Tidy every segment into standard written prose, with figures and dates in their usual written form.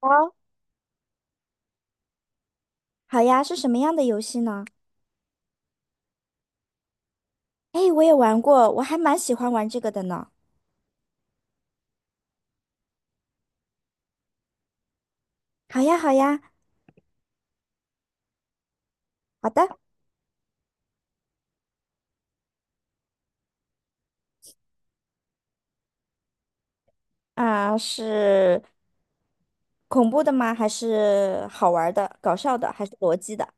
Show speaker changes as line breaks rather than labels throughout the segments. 好。好呀，是什么样的游戏呢？哎，我也玩过，我还蛮喜欢玩这个的呢。好呀，好呀。好的。是恐怖的吗？还是好玩儿的、搞笑的，还是逻辑的？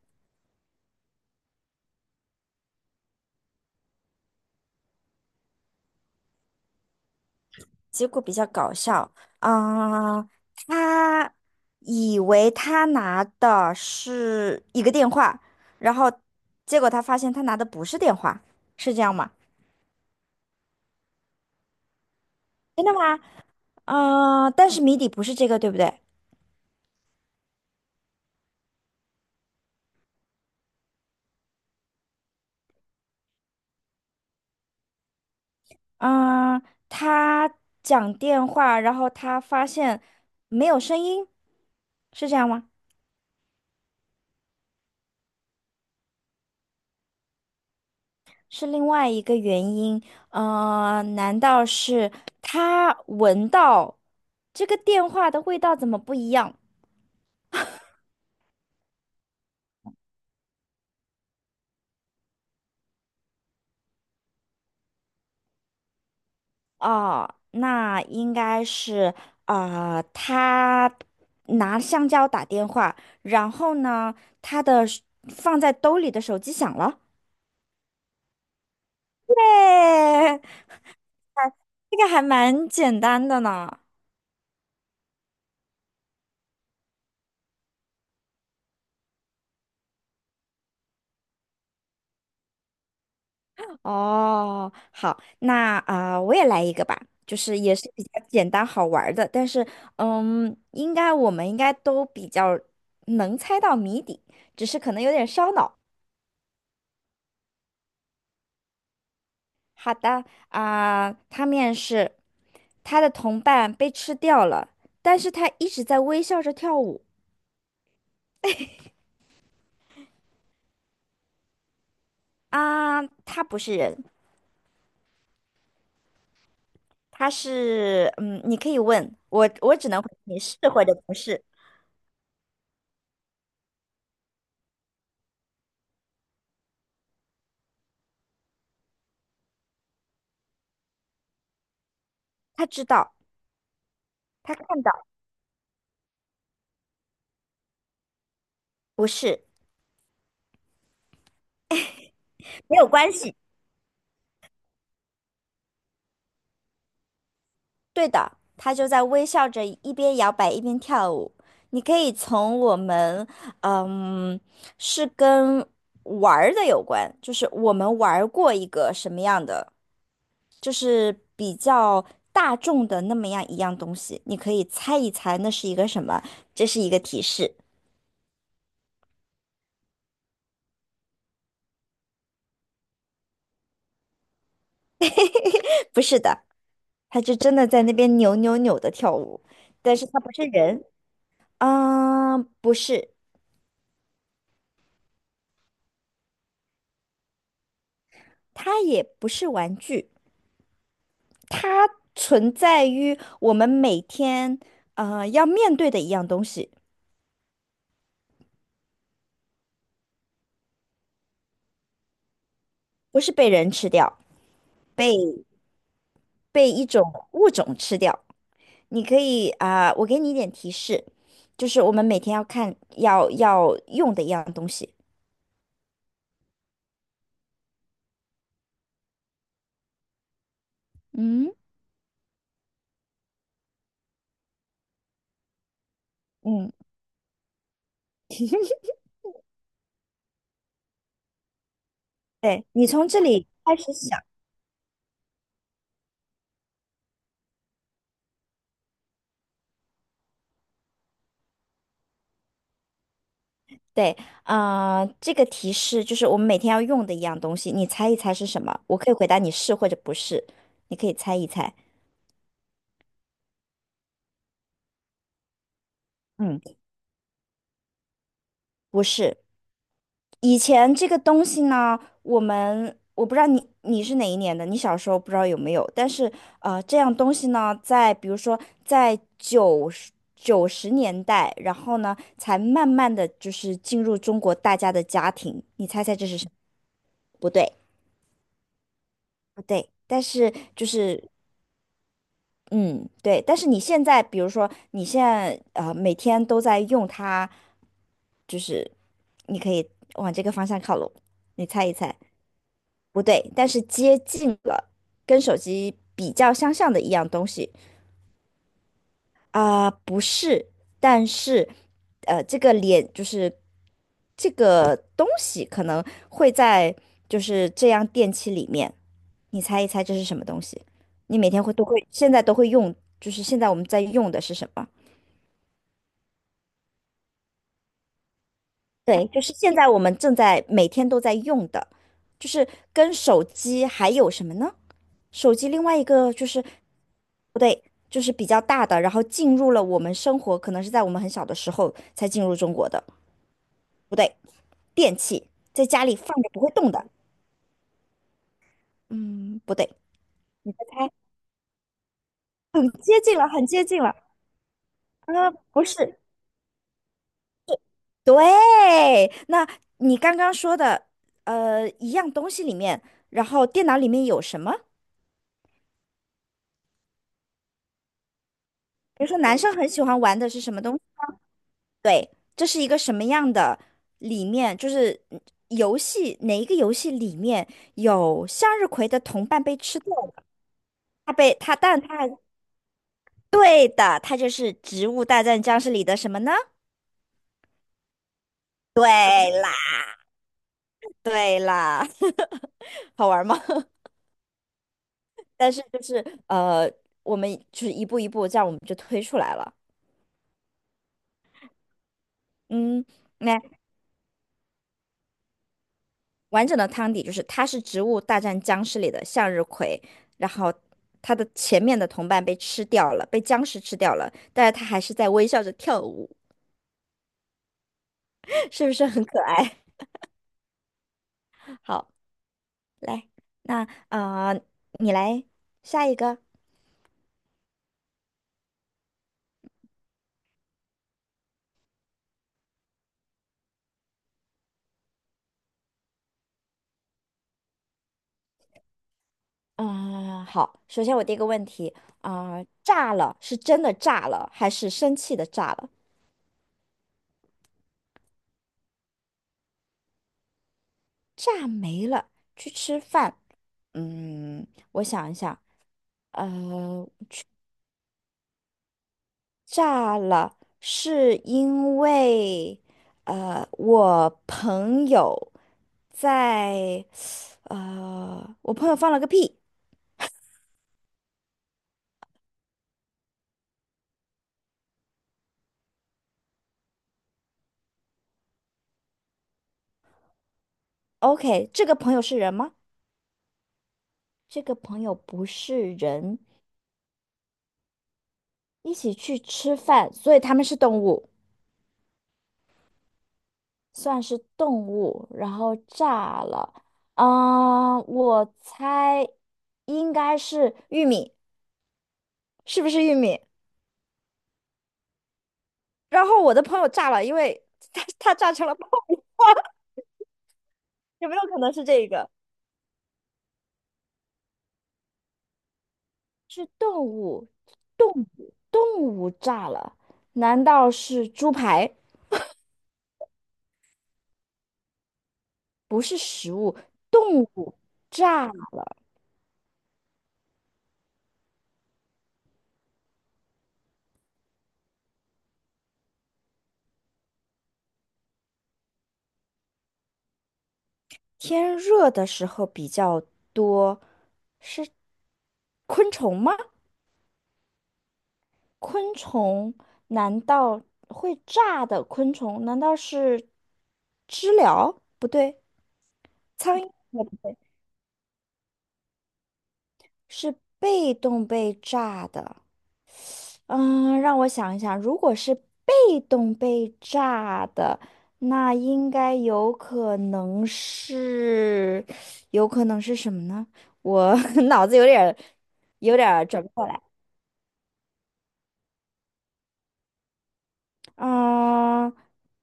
结果比较搞笑。啊、他以为他拿的是一个电话，然后结果他发现他拿的不是电话，是这样吗？真的吗？但是谜底不是这个，对不对？嗯。他讲电话，然后他发现没有声音，是这样吗？是另外一个原因。难道是他闻到这个电话的味道怎么不一样？哦，那应该是啊、他拿香蕉打电话，然后呢，他的手放在兜里的手机响了。哎，这个还蛮简单的呢。哦，好，那我也来一个吧，就是也是比较简单好玩儿的，但是嗯，我们应该都比较能猜到谜底，只是可能有点烧脑。好的。他面试，他的同伴被吃掉了，但是他一直在微笑着跳舞。啊，他不是人，他是嗯，你可以问我，我只能回你是或者不是。他知道，他看到，不是，没有关系。对的，他就在微笑着，一边摇摆一边跳舞。你可以从我们，嗯，是跟玩儿的有关，就是我们玩儿过一个什么样的，就是比较大众的那么样一样东西，你可以猜一猜那是一个什么，这是一个提示。不是的，他就真的在那边扭扭扭的跳舞。但是他不是人，嗯，不是。他也不是玩具。它存在于我们每天要面对的一样东西。不是被人吃掉，被一种物种吃掉。你可以我给你一点提示，就是我们每天要看要用的一样东西。嗯。嗯。对，你从这里开始想。对。这个提示就是我们每天要用的一样东西，你猜一猜是什么？我可以回答你是或者不是，你可以猜一猜。嗯，不是。以前这个东西呢，我不知道你是哪一年的，你小时候不知道有没有，但是这样东西呢，在比如说在九十年代，然后呢，才慢慢的就是进入中国大家的家庭。你猜猜这是什么？不对。不对，但是就是嗯，对，但是你现在，比如说你现在每天都在用它，就是你可以往这个方向靠拢，你猜一猜。不对，但是接近了，跟手机比较相像的一样东西。不是，但是，这个脸就是这个东西可能会在就是这样电器里面，你猜一猜这是什么东西？你每天都会现在都会用，就是现在我们在用的是什么？对，就是现在我们正在每天都在用的，就是跟手机还有什么呢？手机另外一个就是不对。就是比较大的，然后进入了我们生活，可能是在我们很小的时候才进入中国的。不对。电器在家里放着不会动的。嗯，不对，你再猜，你接近了，很接近了。不是，对。那你刚刚说的，一样东西里面，然后电脑里面有什么？比如说，男生很喜欢玩的是什么东西？对，这是一个什么样的里面？就是嗯游戏哪一个游戏里面有向日葵的同伴被吃掉了？他被他，但他对的，他就是《植物大战僵尸》里的什么呢？对啦，对啦。好玩吗？但是就是我们就是一步一步，这样我们就推出来了。嗯。那。完整的汤底就是它是《植物大战僵尸》里的向日葵，然后它的前面的同伴被吃掉了，被僵尸吃掉了，但是它还是在微笑着跳舞。是不是很可爱？好，来，那啊、呃你来下一个。啊，好，首先我第一个问题。炸了是真的炸了，还是生气的炸了？炸没了，去吃饭。嗯，我想一下。呃，炸了，是因为呃，我朋友在我朋友放了个屁。OK，这个朋友是人吗？这个朋友不是人。一起去吃饭，所以他们是动物，算是动物。然后炸了。我猜应该是玉米，是不是玉米？然后我的朋友炸了，因为他炸成了泡米。有没有可能是这个？是动物。动物，动物炸了？难道是猪排？不是食物，动物炸了。天热的时候比较多，昆虫吗？昆虫难道会炸的昆虫？难道是知了？不对，苍蝇也不对，是被动被炸的。嗯，让我想一想，如果是被动被炸的，那应该有可能是，有可能是什么呢？我 脑子有点儿，有点儿转不过来。嗯，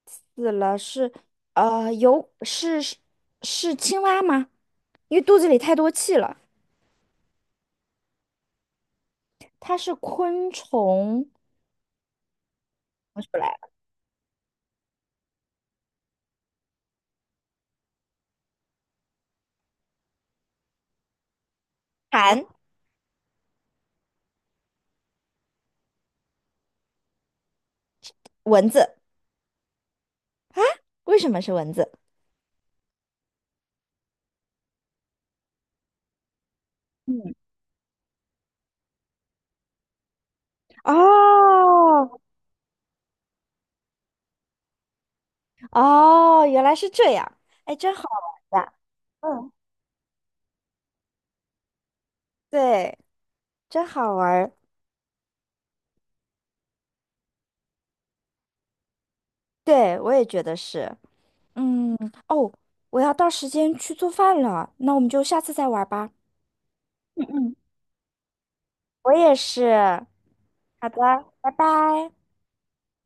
死了是，呃，有是是是青蛙吗？因为肚子里太多气了。它是昆虫。我出来了。蝉。蚊子。为什么是蚊子？嗯。哦，哦，原来是这样。哎，真好玩呀！嗯，对，真好玩儿。对，我也觉得是。嗯。哦，我要到时间去做饭了，那我们就下次再玩儿吧。嗯嗯，我也是。好的，拜拜。